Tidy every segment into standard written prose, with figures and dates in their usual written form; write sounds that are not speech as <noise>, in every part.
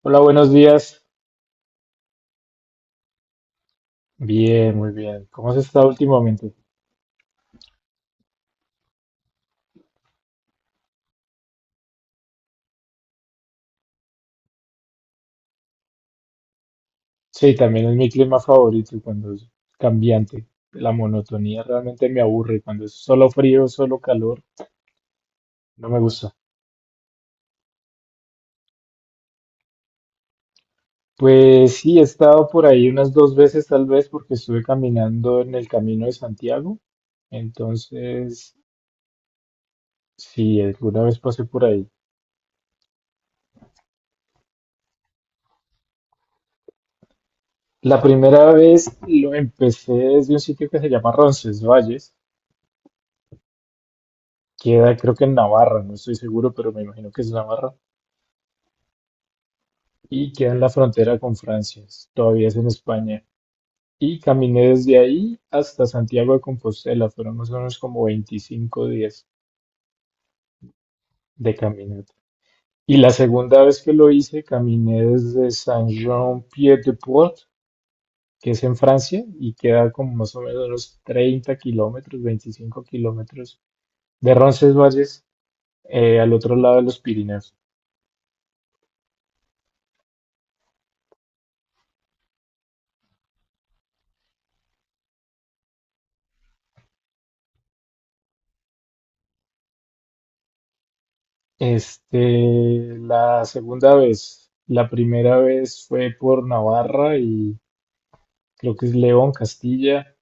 Hola, buenos días. Bien, muy bien. ¿Cómo has estado últimamente? Sí, también es mi clima favorito cuando es cambiante. La monotonía realmente me aburre. Cuando es solo frío, solo calor, no me gusta. Pues sí, he estado por ahí unas dos veces tal vez porque estuve caminando en el Camino de Santiago. Entonces, sí, alguna vez pasé por ahí. La primera vez lo empecé desde un sitio que se llama Roncesvalles. Queda creo que en Navarra, no estoy seguro, pero me imagino que es Navarra. Y queda en la frontera con Francia, todavía es en España. Y caminé desde ahí hasta Santiago de Compostela, fueron más o menos como 25 días de caminata. Y la segunda vez que lo hice, caminé desde Saint-Jean-Pied-de-Port, que es en Francia, y queda como más o menos unos 30 kilómetros, 25 kilómetros de Roncesvalles, al otro lado de los Pirineos. Este, la segunda vez, la primera vez fue por Navarra y creo que es León, Castilla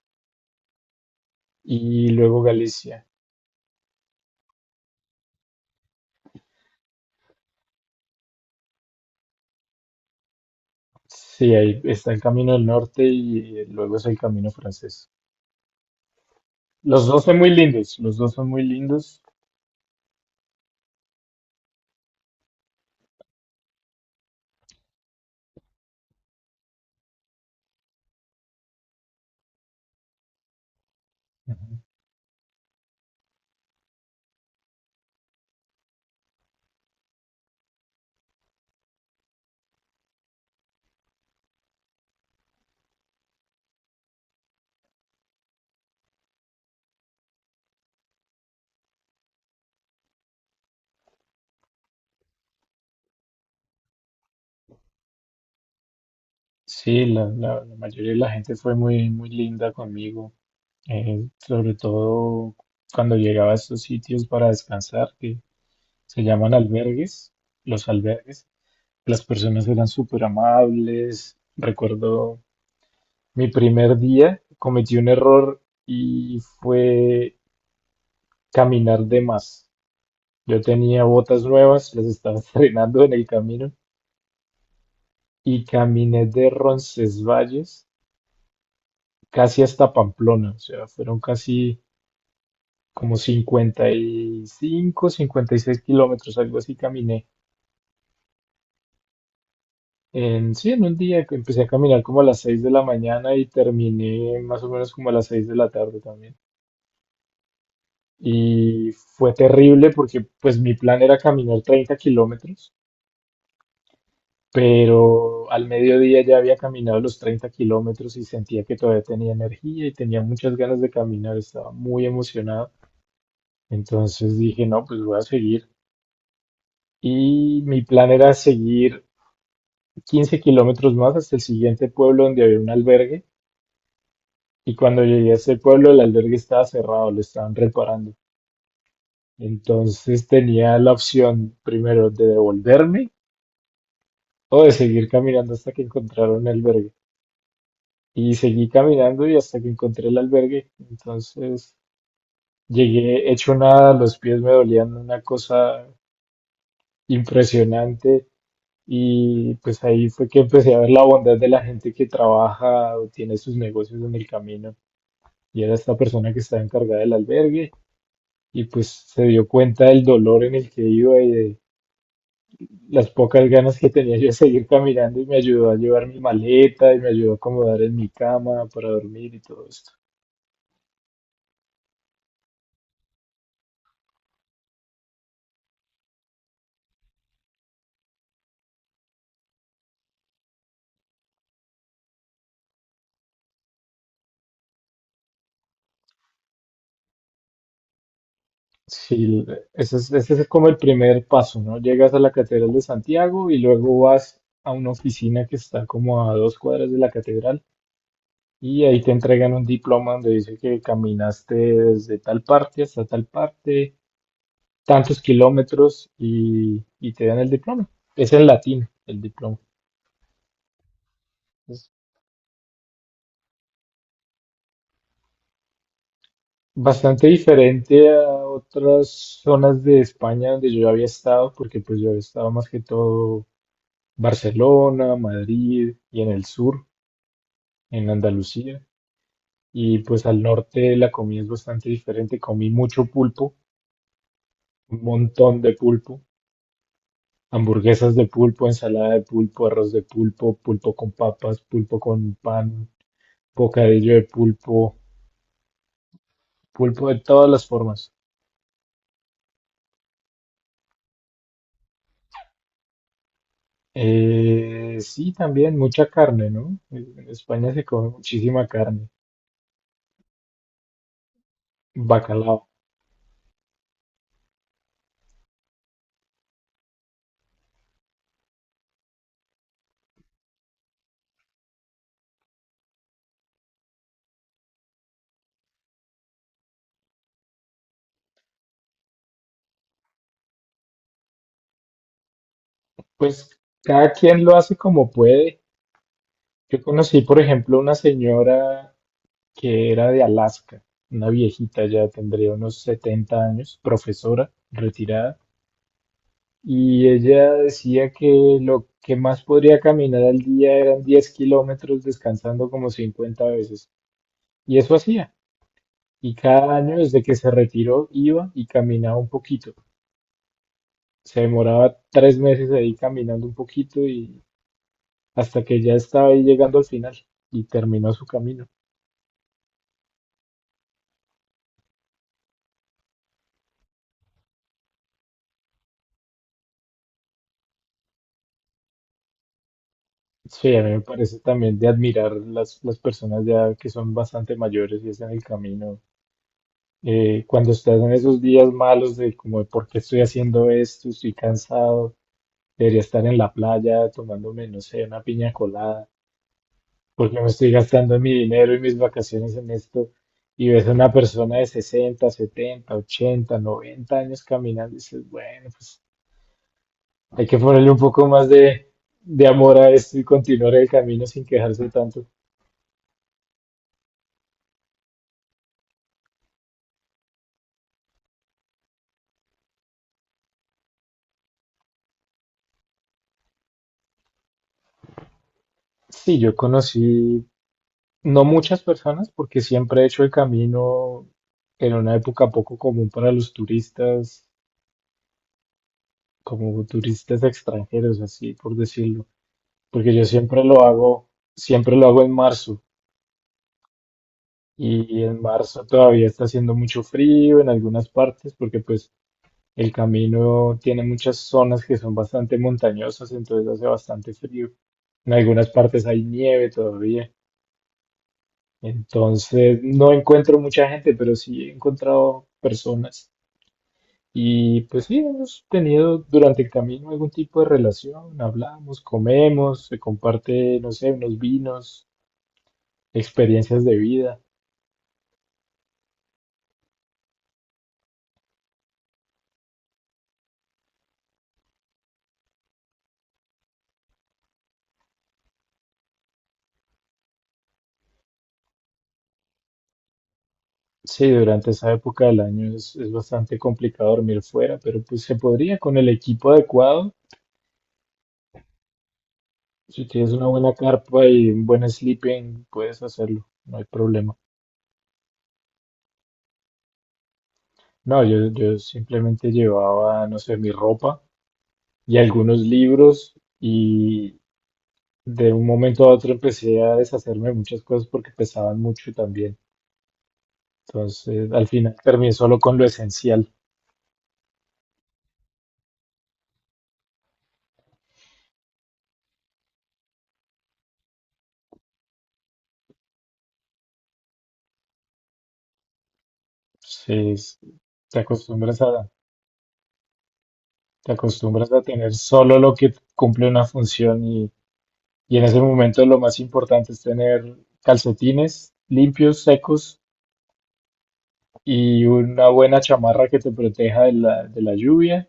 y luego Galicia. Sí, ahí está el camino del norte y luego es el camino francés. Los dos son muy lindos, los dos son muy lindos. Ujú. Sí, la mayoría de la gente fue muy, muy linda conmigo, sobre todo cuando llegaba a estos sitios para descansar, que se llaman albergues, los albergues. Las personas eran súper amables. Recuerdo mi primer día cometí un error y fue caminar de más. Yo tenía botas nuevas, las estaba <laughs> estrenando en el camino y caminé de Roncesvalles casi hasta Pamplona. O sea, fueron casi como 55, 56 kilómetros, algo así caminé. Sí, en un día que empecé a caminar como a las 6 de la mañana y terminé más o menos como a las 6 de la tarde también. Y fue terrible porque pues mi plan era caminar 30 kilómetros, pero al mediodía ya había caminado los 30 kilómetros y sentía que todavía tenía energía y tenía muchas ganas de caminar, estaba muy emocionado. Entonces dije, no, pues voy a seguir. Y mi plan era seguir 15 kilómetros más hasta el siguiente pueblo donde había un albergue. Y cuando llegué a ese pueblo, el albergue estaba cerrado, lo estaban reparando. Entonces tenía la opción primero de devolverme o de seguir caminando hasta que encontrara un albergue. Y seguí caminando y hasta que encontré el albergue. Entonces llegué hecho nada, los pies me dolían una cosa impresionante y pues ahí fue que empecé a ver la bondad de la gente que trabaja o tiene sus negocios en el camino. Y era esta persona que estaba encargada del albergue y pues se dio cuenta del dolor en el que iba y de las pocas ganas que tenía yo de seguir caminando y me ayudó a llevar mi maleta y me ayudó a acomodar en mi cama para dormir y todo esto. Sí, ese es como el primer paso, ¿no? Llegas a la Catedral de Santiago y luego vas a una oficina que está como a dos cuadras de la catedral y ahí te entregan un diploma donde dice que caminaste desde tal parte hasta tal parte, tantos kilómetros y te dan el diploma. Es en latín el diploma. Bastante diferente a otras zonas de España donde yo había estado, porque pues yo he estado más que todo Barcelona, Madrid y en el sur, en Andalucía. Y pues al norte la comida es bastante diferente. Comí mucho pulpo, un montón de pulpo, hamburguesas de pulpo, ensalada de pulpo, arroz de pulpo, pulpo con papas, pulpo con pan, bocadillo de pulpo, pulpo de todas las formas. Sí, también mucha carne, ¿no? En España se come muchísima carne, bacalao. Pues cada quien lo hace como puede. Yo conocí, por ejemplo, una señora que era de Alaska, una viejita ya tendría unos 70 años, profesora, retirada, y ella decía que lo que más podría caminar al día eran 10 kilómetros descansando como 50 veces. Y eso hacía. Y cada año desde que se retiró iba y caminaba un poquito. Se demoraba 3 meses ahí caminando un poquito y hasta que ya estaba ahí llegando al final y terminó su camino. Sí, a mí me parece también de admirar las personas ya que son bastante mayores y están en el camino. Cuando estás en esos días malos de como de por qué estoy haciendo esto, estoy cansado, debería estar en la playa tomándome, no sé, una piña colada porque me estoy gastando mi dinero y mis vacaciones en esto. Y ves a una persona de 60, 70, 80, 90 años caminando y dices, bueno, pues hay que ponerle un poco más de amor a esto y continuar el camino sin quejarse tanto. Sí, yo conocí no muchas personas porque siempre he hecho el camino en una época poco común para los turistas, como turistas extranjeros, así por decirlo, porque yo siempre lo hago en marzo. Y en marzo todavía está haciendo mucho frío en algunas partes porque pues el camino tiene muchas zonas que son bastante montañosas, entonces hace bastante frío. En algunas partes hay nieve todavía. Entonces no encuentro mucha gente, pero sí he encontrado personas. Y pues sí, hemos tenido durante el camino algún tipo de relación, hablamos, comemos, se comparte, no sé, unos vinos, experiencias de vida. Sí, durante esa época del año es bastante complicado dormir fuera, pero pues se podría con el equipo adecuado. Si tienes una buena carpa y un buen sleeping, puedes hacerlo, no hay problema. No, yo simplemente llevaba, no sé, mi ropa y algunos libros y de un momento a otro empecé a deshacerme de muchas cosas porque pesaban mucho también. Entonces, al final terminé solo con lo esencial. Entonces, te acostumbras a Te acostumbras a tener solo lo que cumple una función y en ese momento lo más importante es tener calcetines limpios, secos y una buena chamarra que te proteja de la lluvia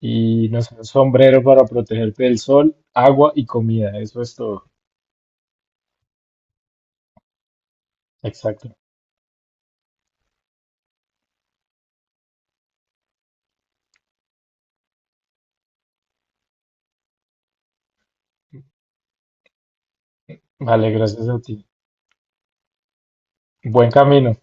y no sé, un sombrero para protegerte del sol, agua y comida. Eso es todo. Exacto. Vale, gracias a ti. Buen camino.